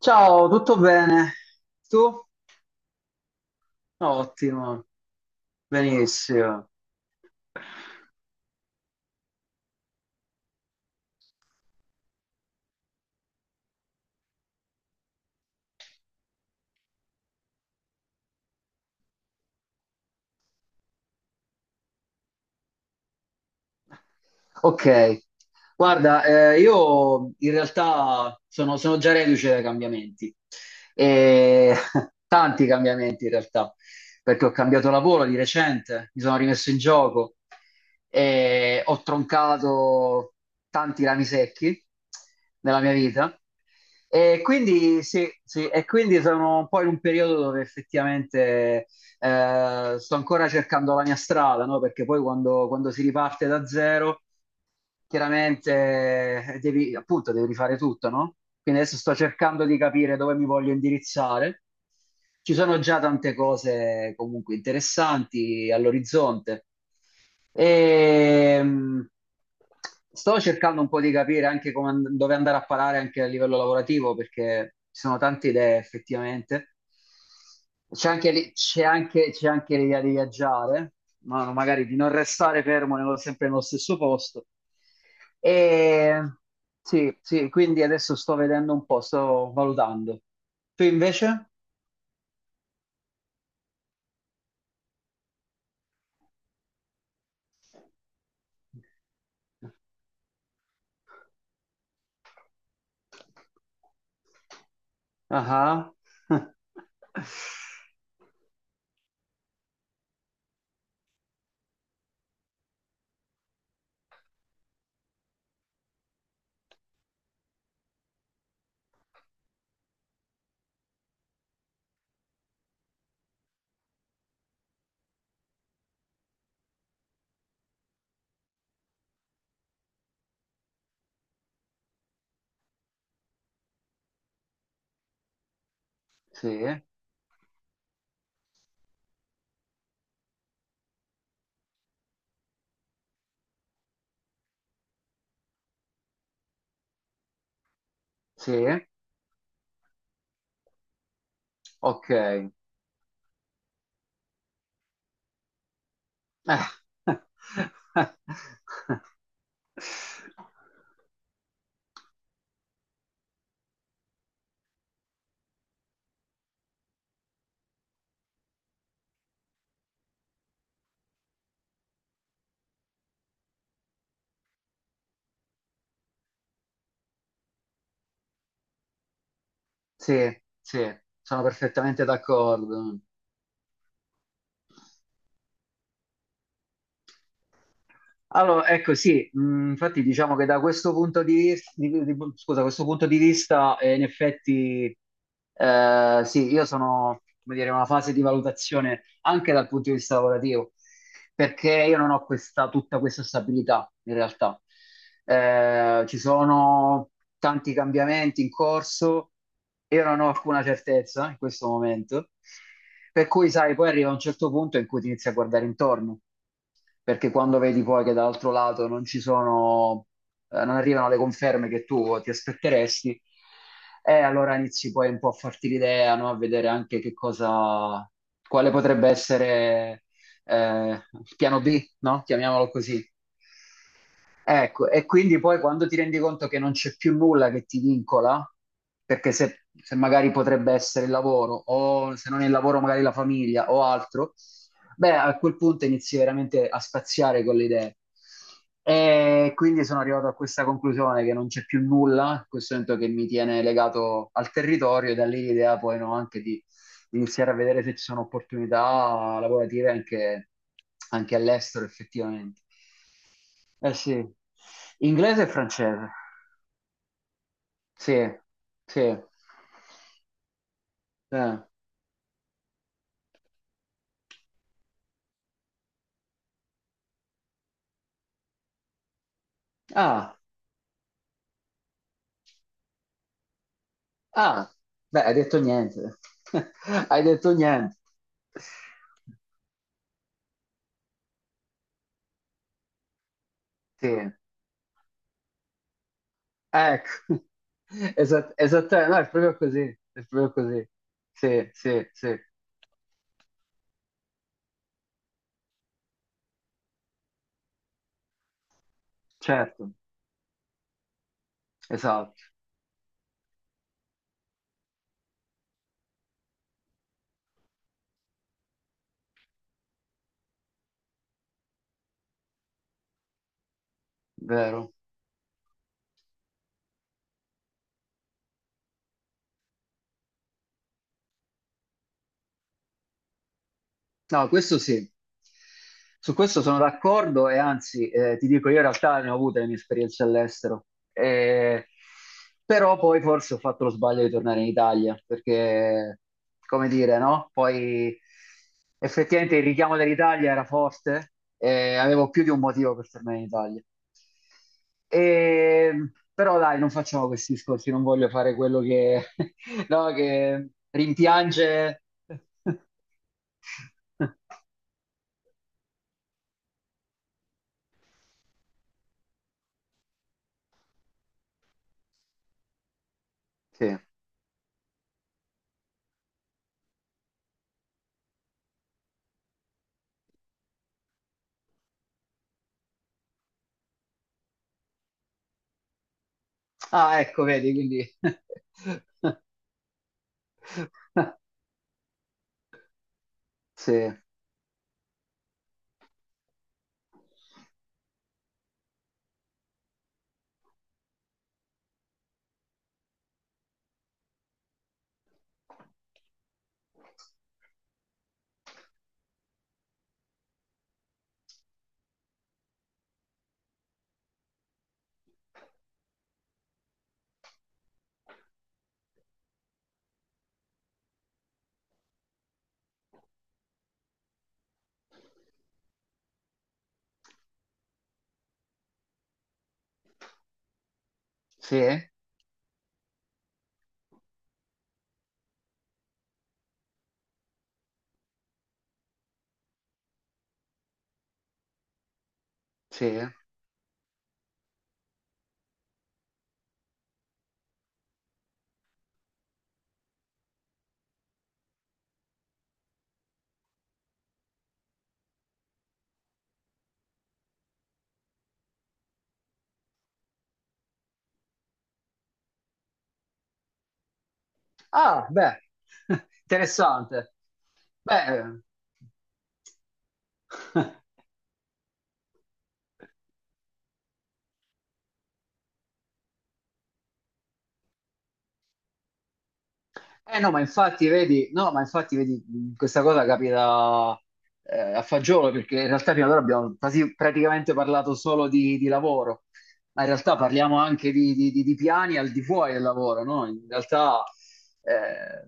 Ciao, tutto bene? Tu? Ottimo, benissimo. Ok, guarda, io in realtà sono già reduce dai cambiamenti, e tanti cambiamenti in realtà, perché ho cambiato lavoro di recente, mi sono rimesso in gioco e ho troncato tanti rami secchi nella mia vita. E quindi, sì, sì, e quindi sono un po' in un periodo dove effettivamente sto ancora cercando la mia strada, no? Perché poi quando si riparte da zero chiaramente devi, appunto, devi rifare tutto, no? Quindi adesso sto cercando di capire dove mi voglio indirizzare. Ci sono già tante cose comunque interessanti all'orizzonte. E, sto cercando un po' di capire anche come dove andare a parare anche a livello lavorativo, perché ci sono tante idee effettivamente. C'è anche, c'è anche, c'è anche l'idea di viaggiare, ma no, magari di non restare fermo sempre nello stesso posto. E sì, sì, quindi adesso sto vedendo un po', sto valutando. Tu invece? Ah, ah. Sì, sì, ok. Sì, sì, sono perfettamente d'accordo. Allora, ecco sì, infatti diciamo che da questo punto di vista, scusa, questo punto di vista in effetti sì, io sono, come dire, in una fase di valutazione anche dal punto di vista lavorativo, perché io non ho questa, tutta questa stabilità in realtà. Ci sono tanti cambiamenti in corso, io non ho alcuna certezza in questo momento, per cui sai, poi arriva un certo punto in cui ti inizi a guardare intorno perché quando vedi poi che dall'altro lato non ci sono, non arrivano le conferme che tu ti aspetteresti, e allora inizi poi un po' a farti l'idea, no? A vedere anche che cosa, quale potrebbe essere il piano B, no? Chiamiamolo così. Ecco, e quindi poi quando ti rendi conto che non c'è più nulla che ti vincola, perché se magari potrebbe essere il lavoro, o se non è il lavoro magari la famiglia o altro, beh, a quel punto inizi veramente a spaziare con le idee. E quindi sono arrivato a questa conclusione che non c'è più nulla, in questo momento che mi tiene legato al territorio e da lì l'idea poi no, anche di iniziare a vedere se ci sono opportunità lavorative anche, anche all'estero effettivamente. Eh sì, inglese e francese. Sì, sì. Ah. Ah, beh, hai detto niente. Hai detto niente. Sì, ecco. Esattamente, no, è proprio così, è proprio così. Sì, sì, sì, certo, esatto, vero. No, questo sì, su questo sono d'accordo e anzi ti dico, io in realtà ne ho avute le mie esperienze all'estero, eh, però poi forse ho fatto lo sbaglio di tornare in Italia perché, come dire, no? Poi effettivamente il richiamo dell'Italia era forte e avevo più di un motivo per tornare in Italia. Però dai, non facciamo questi discorsi, non voglio fare quello che, no, che rimpiange. Sì. Ah, ecco, vedi, quindi... Sì, sì, sì. Ah, beh, interessante. Beh, eh no, ma infatti vedi, no, ma infatti vedi, questa cosa capita a fagiolo perché in realtà fino ad ora abbiamo quasi praticamente parlato solo di lavoro. Ma in realtà parliamo anche di, di piani al di fuori del lavoro, no? In realtà, eh,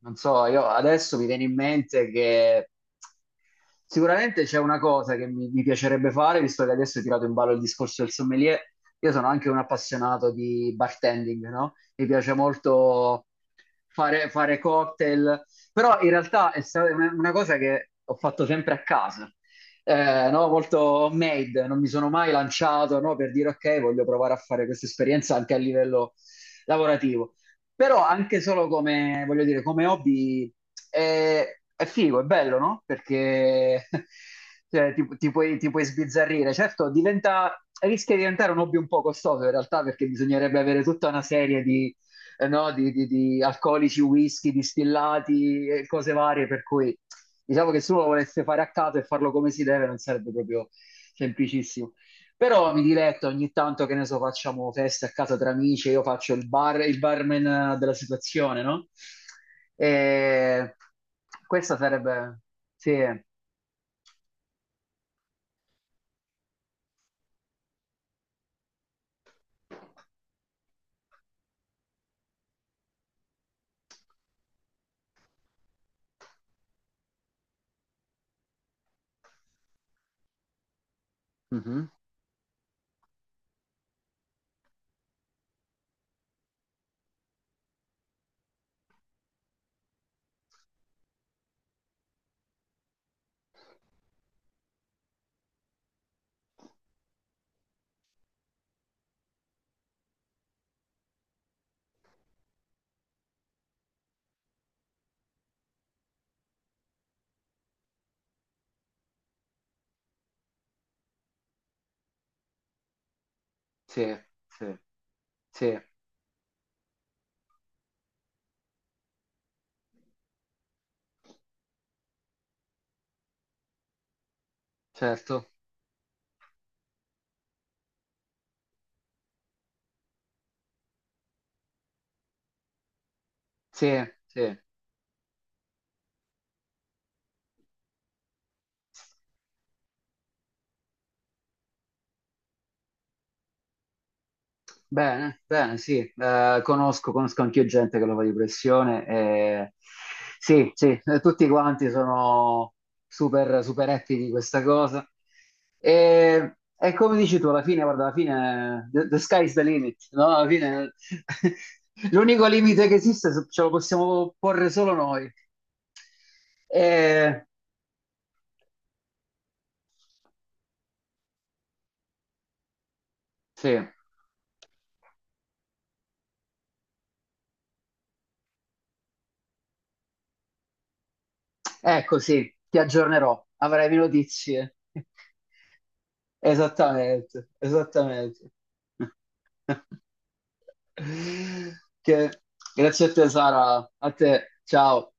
non so, io adesso mi viene in mente che sicuramente c'è una cosa che mi piacerebbe fare, visto che adesso hai tirato in ballo il discorso del sommelier, io sono anche un appassionato di bartending, no? Mi piace molto fare cocktail, però in realtà è stata una cosa che ho fatto sempre a casa no, molto made, non mi sono mai lanciato no, per dire ok, voglio provare a fare questa esperienza anche a livello lavorativo. Però anche solo come, voglio dire, come hobby è, è figo, è bello, no? Perché cioè, ti puoi sbizzarrire. Certo, diventa, rischia di diventare un hobby un po' costoso in realtà perché bisognerebbe avere tutta una serie di no, di, alcolici, whisky, distillati e cose varie, per cui diciamo che se uno lo volesse fare a caso e farlo come si deve non sarebbe proprio semplicissimo. Però mi diletto ogni tanto, che ne so, facciamo feste a casa tra amici, io faccio il bar, il barman della situazione, no? E questa sarebbe... Sì, mhm, sì, sì, sì, certo, sì, sì. Bene, bene, sì, eh, conosco, conosco anch'io gente che lo fa di pressione e sì, sì, tutti quanti sono super, super happy di questa cosa. E come dici tu, alla fine, guarda, alla fine the sky is the limit, no? Alla fine l'unico limite che esiste ce lo possiamo porre solo noi. E, sì, ecco, sì, ti aggiornerò, avrai mie notizie. Esattamente, esattamente. Che- grazie a te Sara, a te, ciao.